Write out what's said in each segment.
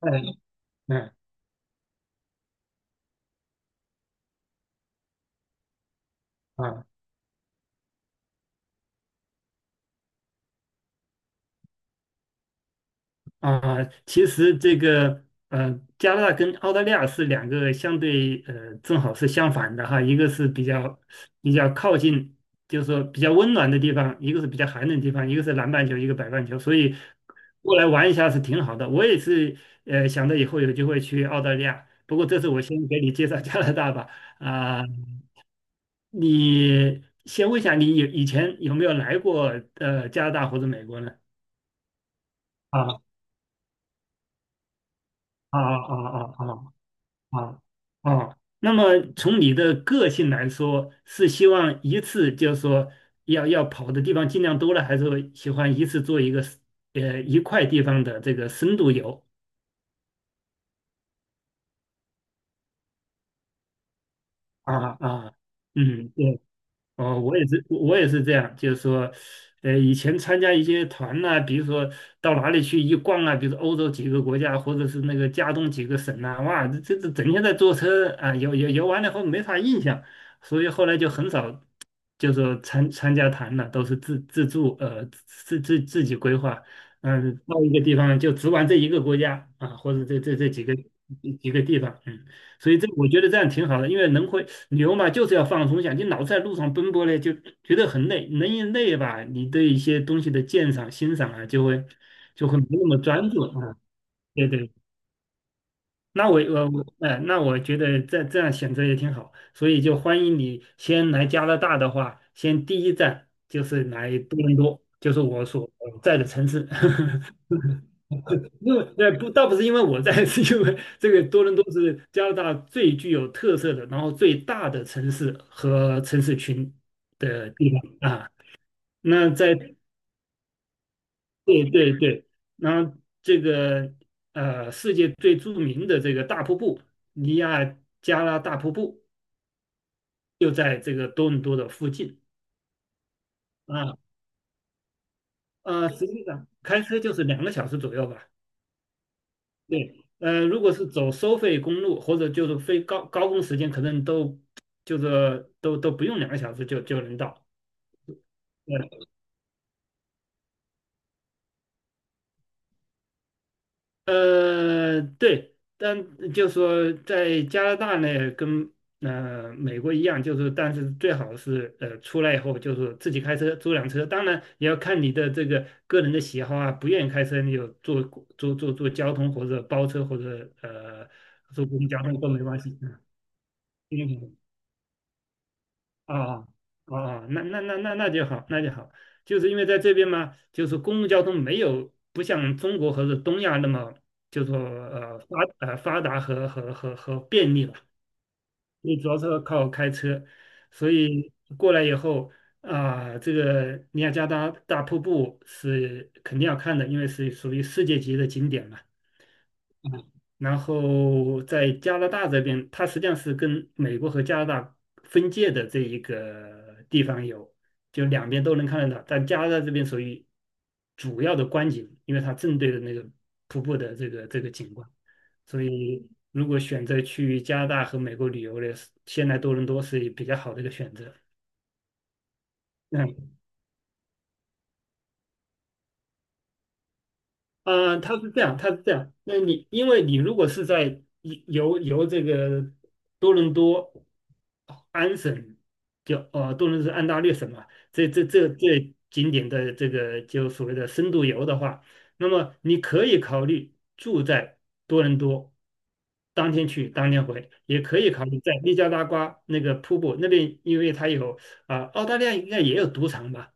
嗯。嗯。啊。啊，其实这个加拿大跟澳大利亚是两个相对正好是相反的哈。一个是比较靠近，就是说比较温暖的地方，一个是比较寒冷的地方，一个是南半球，一个北半球，所以过来玩一下是挺好的。我也是想着以后有机会去澳大利亚，不过这次我先给你介绍加拿大吧啊。你先问一下，你以前有没有来过加拿大或者美国呢？啊啊啊啊啊啊啊！啊，那么从你的个性来说，是希望一次就是说要跑的地方尽量多了，还是说喜欢一次做一个一块地方的这个深度游？啊啊，嗯，对哦，我也是，我也是这样，就是说，以前参加一些团呐、比如说到哪里去一逛啊，比如说欧洲几个国家，或者是那个加东几个省呐、哇，这整天在坐车啊，游完了以后没啥印象，所以后来就很少，就说参加团了，都是自助，自己规划，嗯，到一个地方就只玩这一个国家啊，或者这几个几个地方，嗯。所以这我觉得这样挺好的，因为人会旅游嘛，就是要放松一下。你老在路上奔波呢，就觉得很累，人一累吧，你对一些东西的鉴赏、欣赏啊，就会没那么专注啊。对对，那我，哎，那我觉得这样选择也挺好，所以就欢迎你先来加拿大的话，先第一站就是来多伦多，就是我所在的城市。因为不，倒不是因为我在，是因为这个多伦多是加拿大最具有特色的，然后最大的城市和城市群的地方啊。那在对对对，然后这个世界最著名的这个大瀑布尼亚加拉大瀑布就在这个多伦多的附近啊。实际上开车就是两个小时左右吧。对，如果是走收费公路或者就是非高峰时间，可能都就是都不用两个小时就能到。对，对，但就是说在加拿大呢，跟美国一样，就是但是最好是出来以后就是自己开车租辆车，当然也要看你的这个个人的喜好啊，不愿意开车你就坐交通或者包车或者坐公共交通都没关系。嗯哦哦哦，那就好，那就好。就是因为在这边嘛，就是公共交通没有不像中国和是东亚那么就说发达和便利吧，你主要是靠开车，所以过来以后啊、这个尼亚加拉大瀑布是肯定要看的，因为是属于世界级的景点嘛。嗯然后在加拿大这边，它实际上是跟美国和加拿大分界的这一个地方有，就两边都能看得到。但加拿大这边属于主要的观景，因为它正对着那个瀑布的这个景观，所以如果选择去加拿大和美国旅游的，先来多伦多是比较好的一个选择。嗯，嗯它是这样，它是这样。那你因为你如果是在游这个多伦多安省，就多伦多是安大略省嘛，这景点的这个就所谓的深度游的话，那么你可以考虑住在多伦多，当天去当天回，也可以考虑在尼加拉瓜那个瀑布那边，因为它有啊、澳大利亚应该也有赌场吧。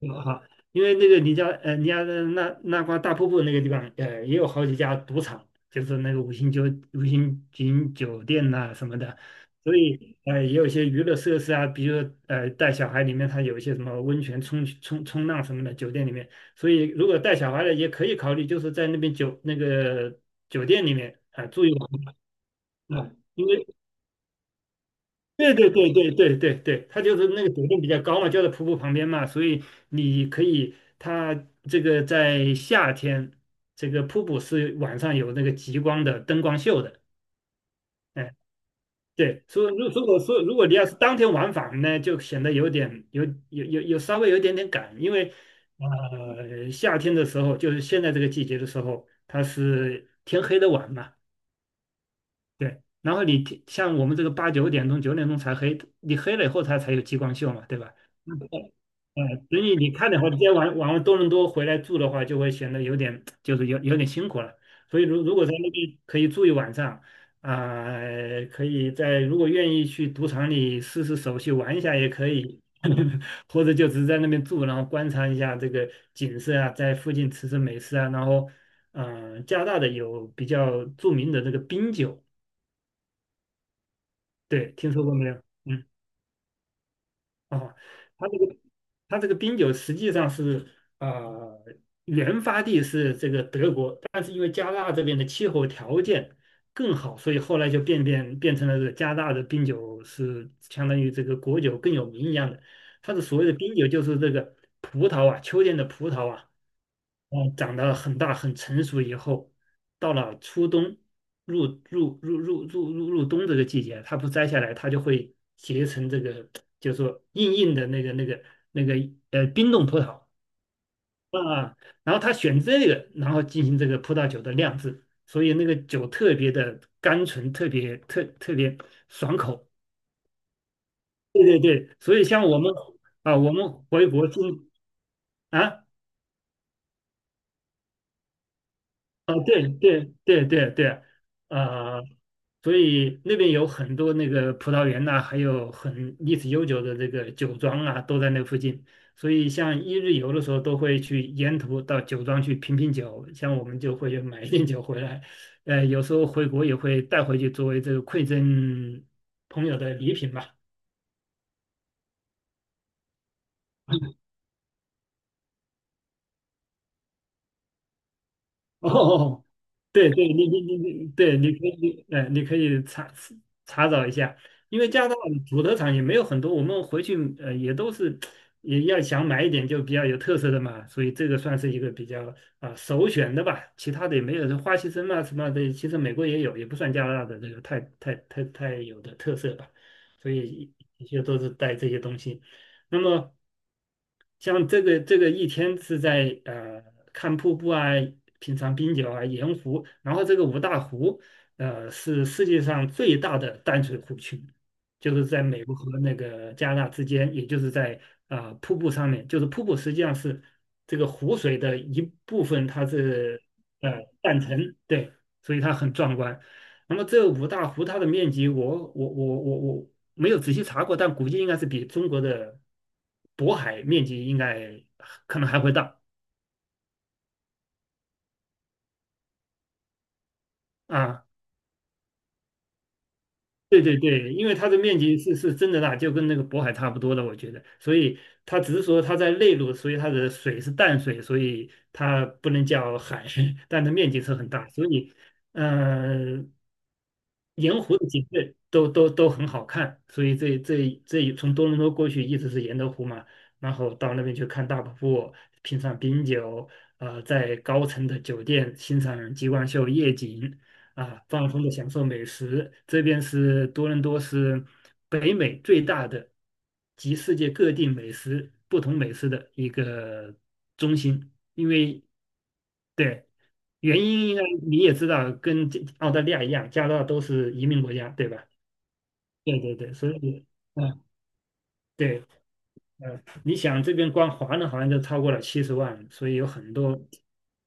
啊，好。因为那个尼加拉那瓜大瀑布那个地方，也有好几家赌场，就是那个五星级酒店呐、什么的，所以也有一些娱乐设施啊，比如说带小孩里面它有一些什么温泉冲浪什么的酒店里面，所以如果带小孩的也可以考虑，就是在那边酒那个酒店里面啊、住一晚啊。因为对对对对对对对，它就是那个抖动比较高嘛，就在瀑布旁边嘛，所以你可以，它这个在夏天，这个瀑布是晚上有那个极光的灯光秀的。哎，对，所以如果说如果你要是当天往返呢，就显得有点有有有有稍微有一点点赶，因为夏天的时候，就是现在这个季节的时候，它是天黑的晚嘛。对，然后你天像我们这个8、9点钟、九点钟才黑，你黑了以后它才有激光秀嘛，对吧？嗯，呃，所以你看的话，直接往多伦多回来住的话，就会显得有点就是有点辛苦了。所以如果在那边可以住一晚上，啊、可以在如果愿意去赌场里试试手气玩一下也可以，或者就只是在那边住，然后观察一下这个景色啊，在附近吃吃美食啊，然后加拿大的有比较著名的这个冰酒。对，听说过没有？嗯，哦，它这个它这个冰酒实际上是呃原发地是这个德国，但是因为加拿大这边的气候条件更好，所以后来就变成了这个加拿大的冰酒是相当于这个国酒更有名一样的。它的所谓的冰酒就是这个葡萄啊，秋天的葡萄啊，长得很大很成熟以后，到了初冬，入冬这个季节，它不摘下来，它就会结成这个，就是说硬硬的那个冰冻葡萄啊。然后他选这个，然后进行这个葡萄酒的酿制，所以那个酒特别的甘醇，特别特特别爽口。对对，所以像我们啊，我们回国经啊。啊，对对对对对，啊，所以那边有很多那个葡萄园呐、还有很历史悠久的这个酒庄啊，都在那附近。所以像一日游的时候，都会去沿途到酒庄去品品酒，像我们就会买一点酒回来，有时候回国也会带回去作为这个馈赠朋友的礼品吧。哦，对对，你，对，你可以，你可以查找一下，因为加拿大的土特产也没有很多，我们回去也都是也要想买一点就比较有特色的嘛，所以这个算是一个比较啊、首选的吧，其他的也没有，像花旗参啊什么的，其实美国也有，也不算加拿大的这个太有的特色吧，所以一些都是带这些东西。那么像这个一天是在看瀑布啊，品尝冰酒啊，盐湖，然后这个五大湖是世界上最大的淡水湖群，就是在美国和那个加拿大之间，也就是在啊、瀑布上面，就是瀑布实际上是这个湖水的一部分，它是呃断层，对，所以它很壮观。那么这个五大湖它的面积我，我没有仔细查过，但估计应该是比中国的渤海面积应该可能还会大啊。对对对，因为它的面积是真的大，就跟那个渤海差不多的，我觉得。所以它只是说它在内陆，所以它的水是淡水，所以它不能叫海，但它面积是很大。所以，嗯。沿湖的景色都很好看，所以这从多伦多过去一直是沿着湖嘛，然后到那边去看大瀑布，品尝冰酒，在高层的酒店欣赏极光秀夜景，啊，放松的享受美食。这边是多伦多是北美最大的集世界各地美食不同美食的一个中心，因为对，原因应该你也知道，跟这澳大利亚一样，加拿大都是移民国家，对吧？对对对，所以，嗯，对，嗯，你想这边光华人好像就超过了70万，所以有很多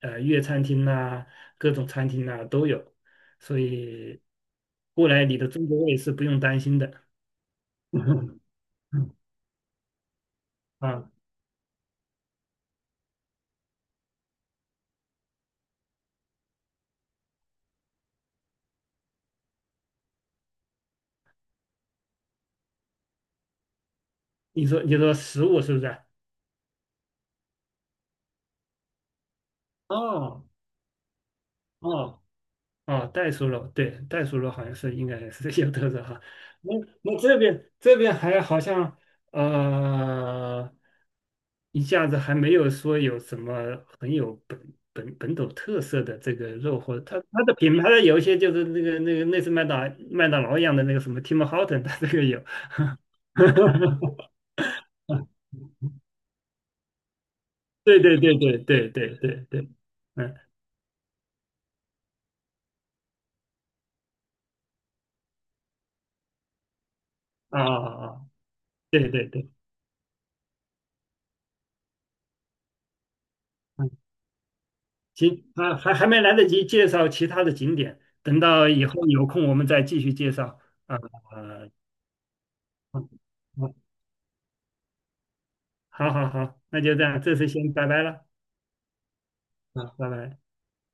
粤餐厅呐、各种餐厅呐、都有，所以过来你的中国胃是不用担心的。啊，你说食物是不是？哦哦哦，袋鼠肉，对，袋鼠肉好像是应该是有特色哈。那那这边还好像呃，一下子还没有说有什么很有本土特色的这个肉，或者它的品牌有一些就是那个类似麦当劳一样的那个什么 Tim Horton，它这个有。对对对对对对对对，嗯啊啊，啊对对对。嗯行啊，还没来得及介绍其他的景点，等到以后有空我们再继续介绍。啊、呃，好好好，那就这样，这次先拜拜了，啊，拜拜。